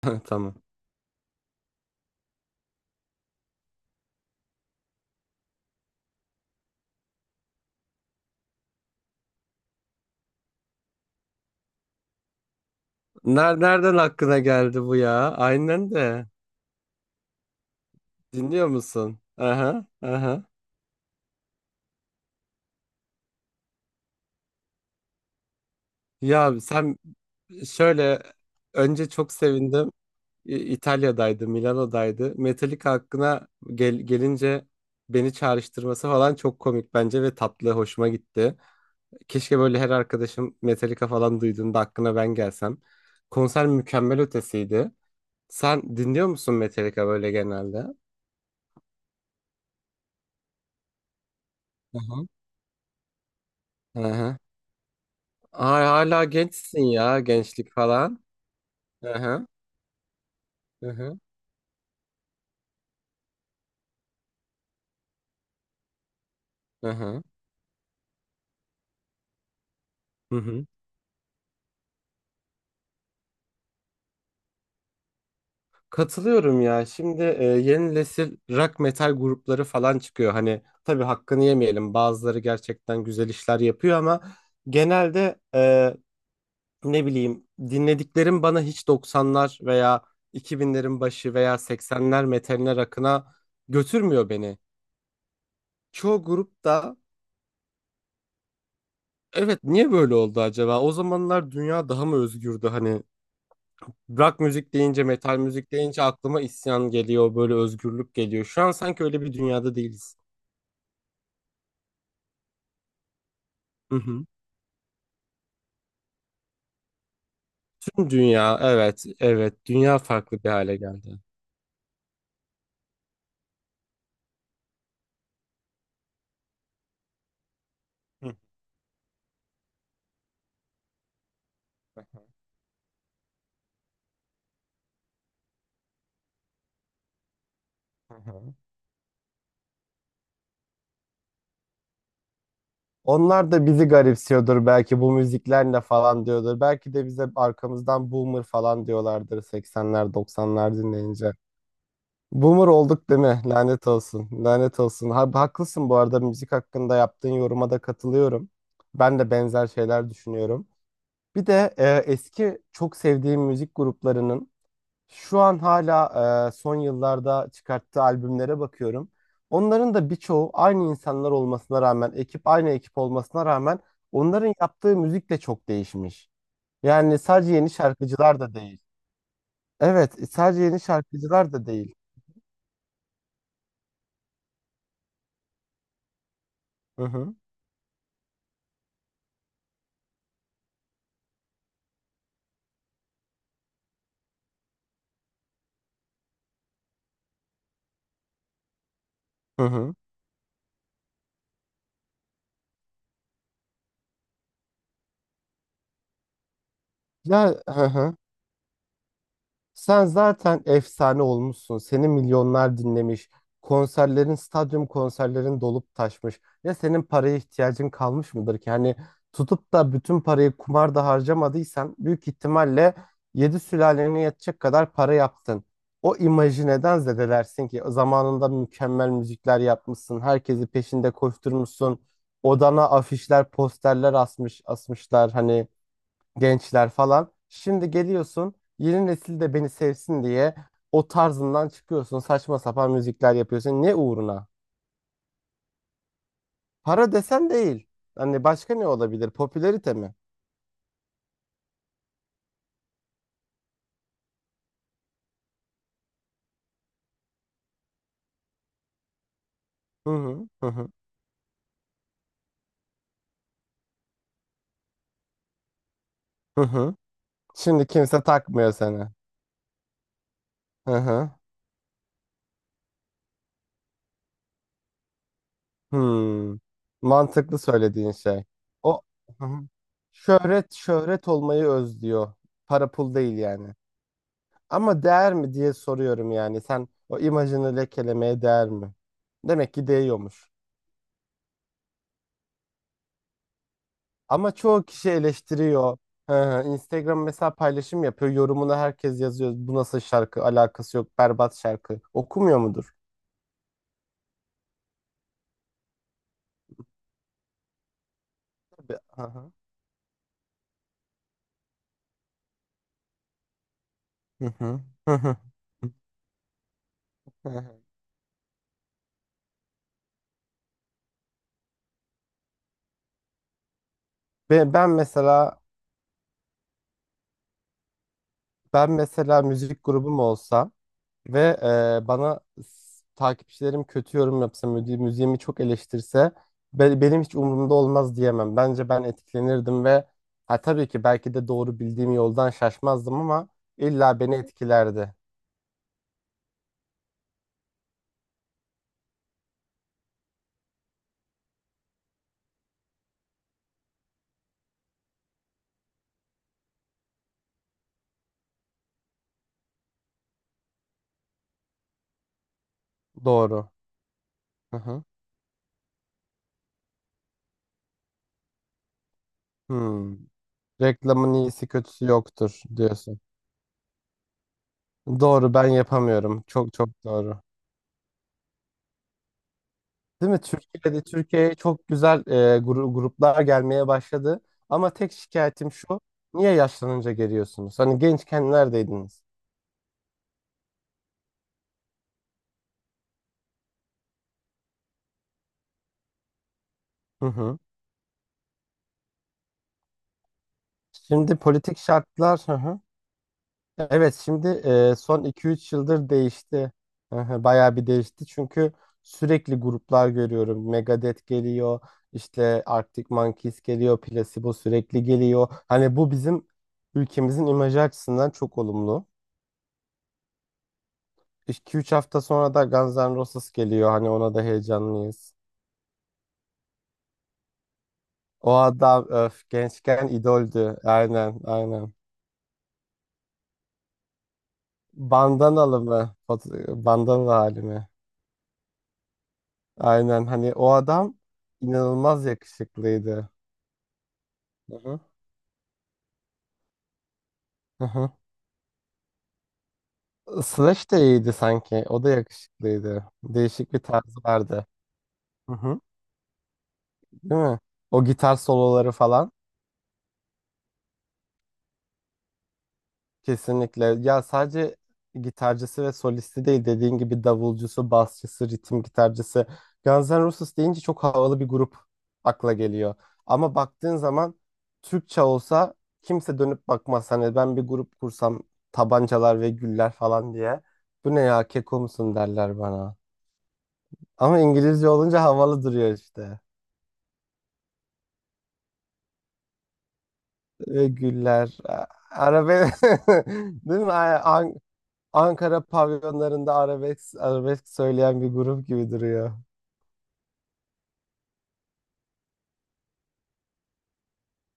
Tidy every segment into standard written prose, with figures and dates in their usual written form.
Tamam. Nereden aklına geldi bu ya? Aynen de. Dinliyor musun? Aha, aha. Ya sen şöyle önce çok sevindim. İtalya'daydı, Milano'daydı. Metallica hakkına gelince beni çağrıştırması falan çok komik bence ve tatlı, hoşuma gitti. Keşke böyle her arkadaşım Metallica falan duyduğunda aklına ben gelsem. Konser mükemmel ötesiydi. Sen dinliyor musun Metallica böyle genelde? Aha. Ay hala gençsin ya gençlik falan. Hı hı. Hı hı. Hı hı. Hı hı. Katılıyorum ya. Şimdi yeni nesil rock metal grupları falan çıkıyor. Hani tabii hakkını yemeyelim. Bazıları gerçekten güzel işler yapıyor ama genelde ne bileyim dinlediklerim bana hiç doksanlar veya 2000'lerin başı veya 80'ler metaline rock'ına götürmüyor beni. Çoğu grupta evet niye böyle oldu acaba? O zamanlar dünya daha mı özgürdü hani? Rock müzik deyince, metal müzik deyince aklıma isyan geliyor, böyle özgürlük geliyor. Şu an sanki öyle bir dünyada değiliz. Hı hı. Tüm dünya, evet, evet, dünya farklı bir hale geldi. Hı hı. Hı. Onlar da bizi garipsiyordur belki, bu müzikler ne falan diyordur. Belki de bize arkamızdan boomer falan diyorlardır 80'ler 90'lar dinleyince. Boomer olduk değil mi? Lanet olsun. Lanet olsun. Ha, haklısın bu arada, müzik hakkında yaptığın yoruma da katılıyorum. Ben de benzer şeyler düşünüyorum. Bir de eski çok sevdiğim müzik gruplarının şu an hala son yıllarda çıkarttığı albümlere bakıyorum. Onların da birçoğu aynı insanlar olmasına rağmen, ekip aynı ekip olmasına rağmen onların yaptığı müzik de çok değişmiş. Yani sadece yeni şarkıcılar da değil. Evet, sadece yeni şarkıcılar da değil. Hı hı. Hı hı. Ya hı hı. Sen zaten efsane olmuşsun. Seni milyonlar dinlemiş. Konserlerin, stadyum konserlerin dolup taşmış. Ya senin paraya ihtiyacın kalmış mıdır ki? Hani tutup da bütün parayı kumarda harcamadıysan büyük ihtimalle yedi sülalene yetecek kadar para yaptın. O imajı neden zedelersin ki? Zamanında mükemmel müzikler yapmışsın. Herkesi peşinde koşturmuşsun. Odana afişler, posterler asmışlar. Hani gençler falan. Şimdi geliyorsun, yeni nesil de beni sevsin diye o tarzından çıkıyorsun. Saçma sapan müzikler yapıyorsun. Ne uğruna? Para desen değil. Hani başka ne olabilir? Popülerite mi? Hı hı hı hı. Hı hı. Şimdi kimse takmıyor seni. Hı hı. Hmm. Mantıklı söylediğin şey. O hı hı. Şöhret şöhret olmayı özlüyor. Para pul değil yani. Ama değer mi diye soruyorum yani. Sen o imajını lekelemeye değer mi? Demek ki değiyormuş. Ama çoğu kişi eleştiriyor. Hı hı, Instagram mesela paylaşım yapıyor. Yorumuna herkes yazıyor. Bu nasıl şarkı? Alakası yok. Berbat şarkı. Okumuyor mudur? Tabii. Hı hı. Hı hı. Hı hı. Hı hı. Ben, ben mesela ben mesela müzik grubum olsa. Ve bana takipçilerim kötü yorum yapsa, müziğimi çok eleştirse, benim hiç umurumda olmaz diyemem. Bence ben etkilenirdim ve ha, tabii ki belki de doğru bildiğim yoldan şaşmazdım ama illa beni etkilerdi. Doğru. Hı hı. Hmm. Reklamın iyisi kötüsü yoktur diyorsun. Doğru, ben yapamıyorum. Çok çok doğru. Değil mi? Türkiye'de, Türkiye'ye çok güzel gruplar gelmeye başladı. Ama tek şikayetim şu. Niye yaşlanınca geliyorsunuz? Hani gençken neredeydiniz? Hı hı. Şimdi politik şartlar hı hı. Evet, şimdi son 2-3 yıldır değişti. Hı hı, bayağı bir değişti. Çünkü sürekli gruplar görüyorum. Megadeth geliyor. İşte Arctic Monkeys geliyor. Placebo sürekli geliyor. Hani bu bizim ülkemizin imajı açısından çok olumlu. 2 üç hafta sonra da Guns N' Roses geliyor. Hani ona da heyecanlıyız. O adam öf, gençken idoldü. Aynen aynen. Bandanalı mı? Bandanalı hali mi? Aynen, hani o adam inanılmaz yakışıklıydı. Hı hı. Hı hı. Slash de iyiydi sanki. O da yakışıklıydı. Değişik bir tarzı vardı. Hı hı. Değil mi? O gitar soloları falan. Kesinlikle. Ya sadece gitarcısı ve solisti değil, dediğin gibi davulcusu, basçısı, ritim gitarcısı. Guns N' Roses deyince çok havalı bir grup akla geliyor. Ama baktığın zaman Türkçe olsa kimse dönüp bakmaz. Hani ben bir grup kursam tabancalar ve güller falan diye. Bu ne ya, keko musun derler bana. Ama İngilizce olunca havalı duruyor işte. Ve güller. Arabe değil mi? Ankara pavyonlarında arabesk, arabesk söyleyen bir grup gibi duruyor.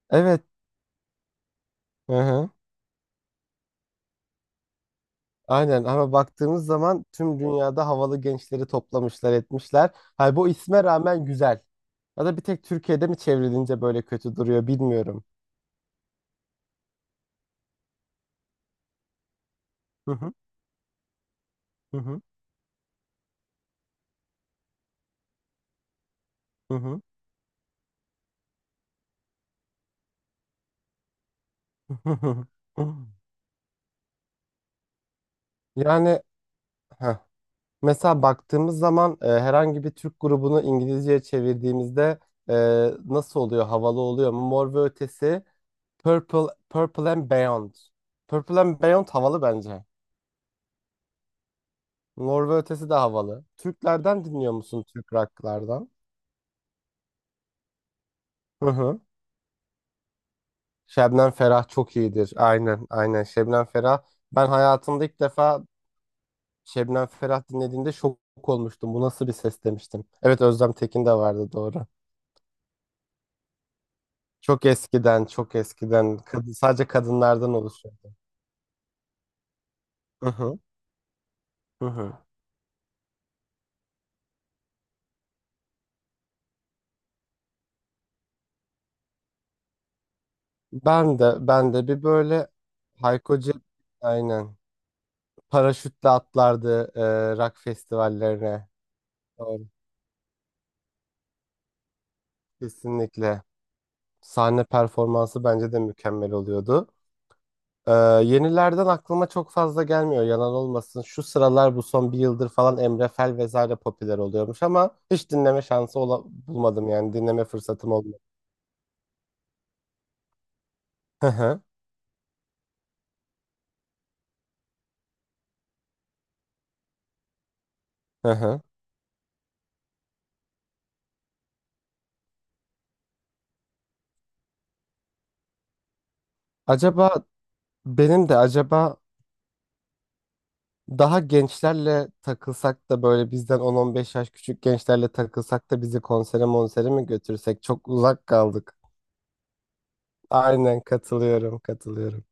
Evet. Hı hı. Aynen, ama baktığımız zaman tüm dünyada havalı gençleri toplamışlar etmişler. Hay bu isme rağmen güzel. Ya da bir tek Türkiye'de mi çevrilince böyle kötü duruyor bilmiyorum. Hı hı, hı hı, hı hı. Yani heh, mesela baktığımız zaman herhangi bir Türk grubunu İngilizceye çevirdiğimizde e, nasıl oluyor? Havalı oluyor mu? Mor ve Ötesi. Purple and Beyond. Purple and Beyond havalı bence. Mor ve Ötesi de havalı. Türklerden dinliyor musun, Türk rocklardan? Hı hı. Şebnem Ferah çok iyidir. Aynen, aynen. Şebnem Ferah. Ben hayatımda ilk defa Şebnem Ferah dinlediğimde şok olmuştum. Bu nasıl bir ses demiştim. Evet, Özlem Tekin de vardı, doğru. Çok eskiden, çok eskiden. Kadın, sadece kadınlardan oluşuyor. Hı hı. Hı hı. Ben de, ben de bir böyle Hayko Cep, aynen. Paraşütle atlardı rock festivallerine. Doğru. Kesinlikle. Sahne performansı bence de mükemmel oluyordu. E, Yenilerden aklıma çok fazla gelmiyor, yalan olmasın. Şu sıralar, bu son bir yıldır falan Emre Fel vesaire popüler oluyormuş ama hiç dinleme şansı bulmadım, yani dinleme fırsatım olmadı. Hı hı, hı hı. Acaba benim de acaba daha gençlerle takılsak da, böyle bizden 10-15 yaş küçük gençlerle takılsak da bizi konsere monsere mi götürsek? Çok uzak kaldık. Aynen katılıyorum, katılıyorum.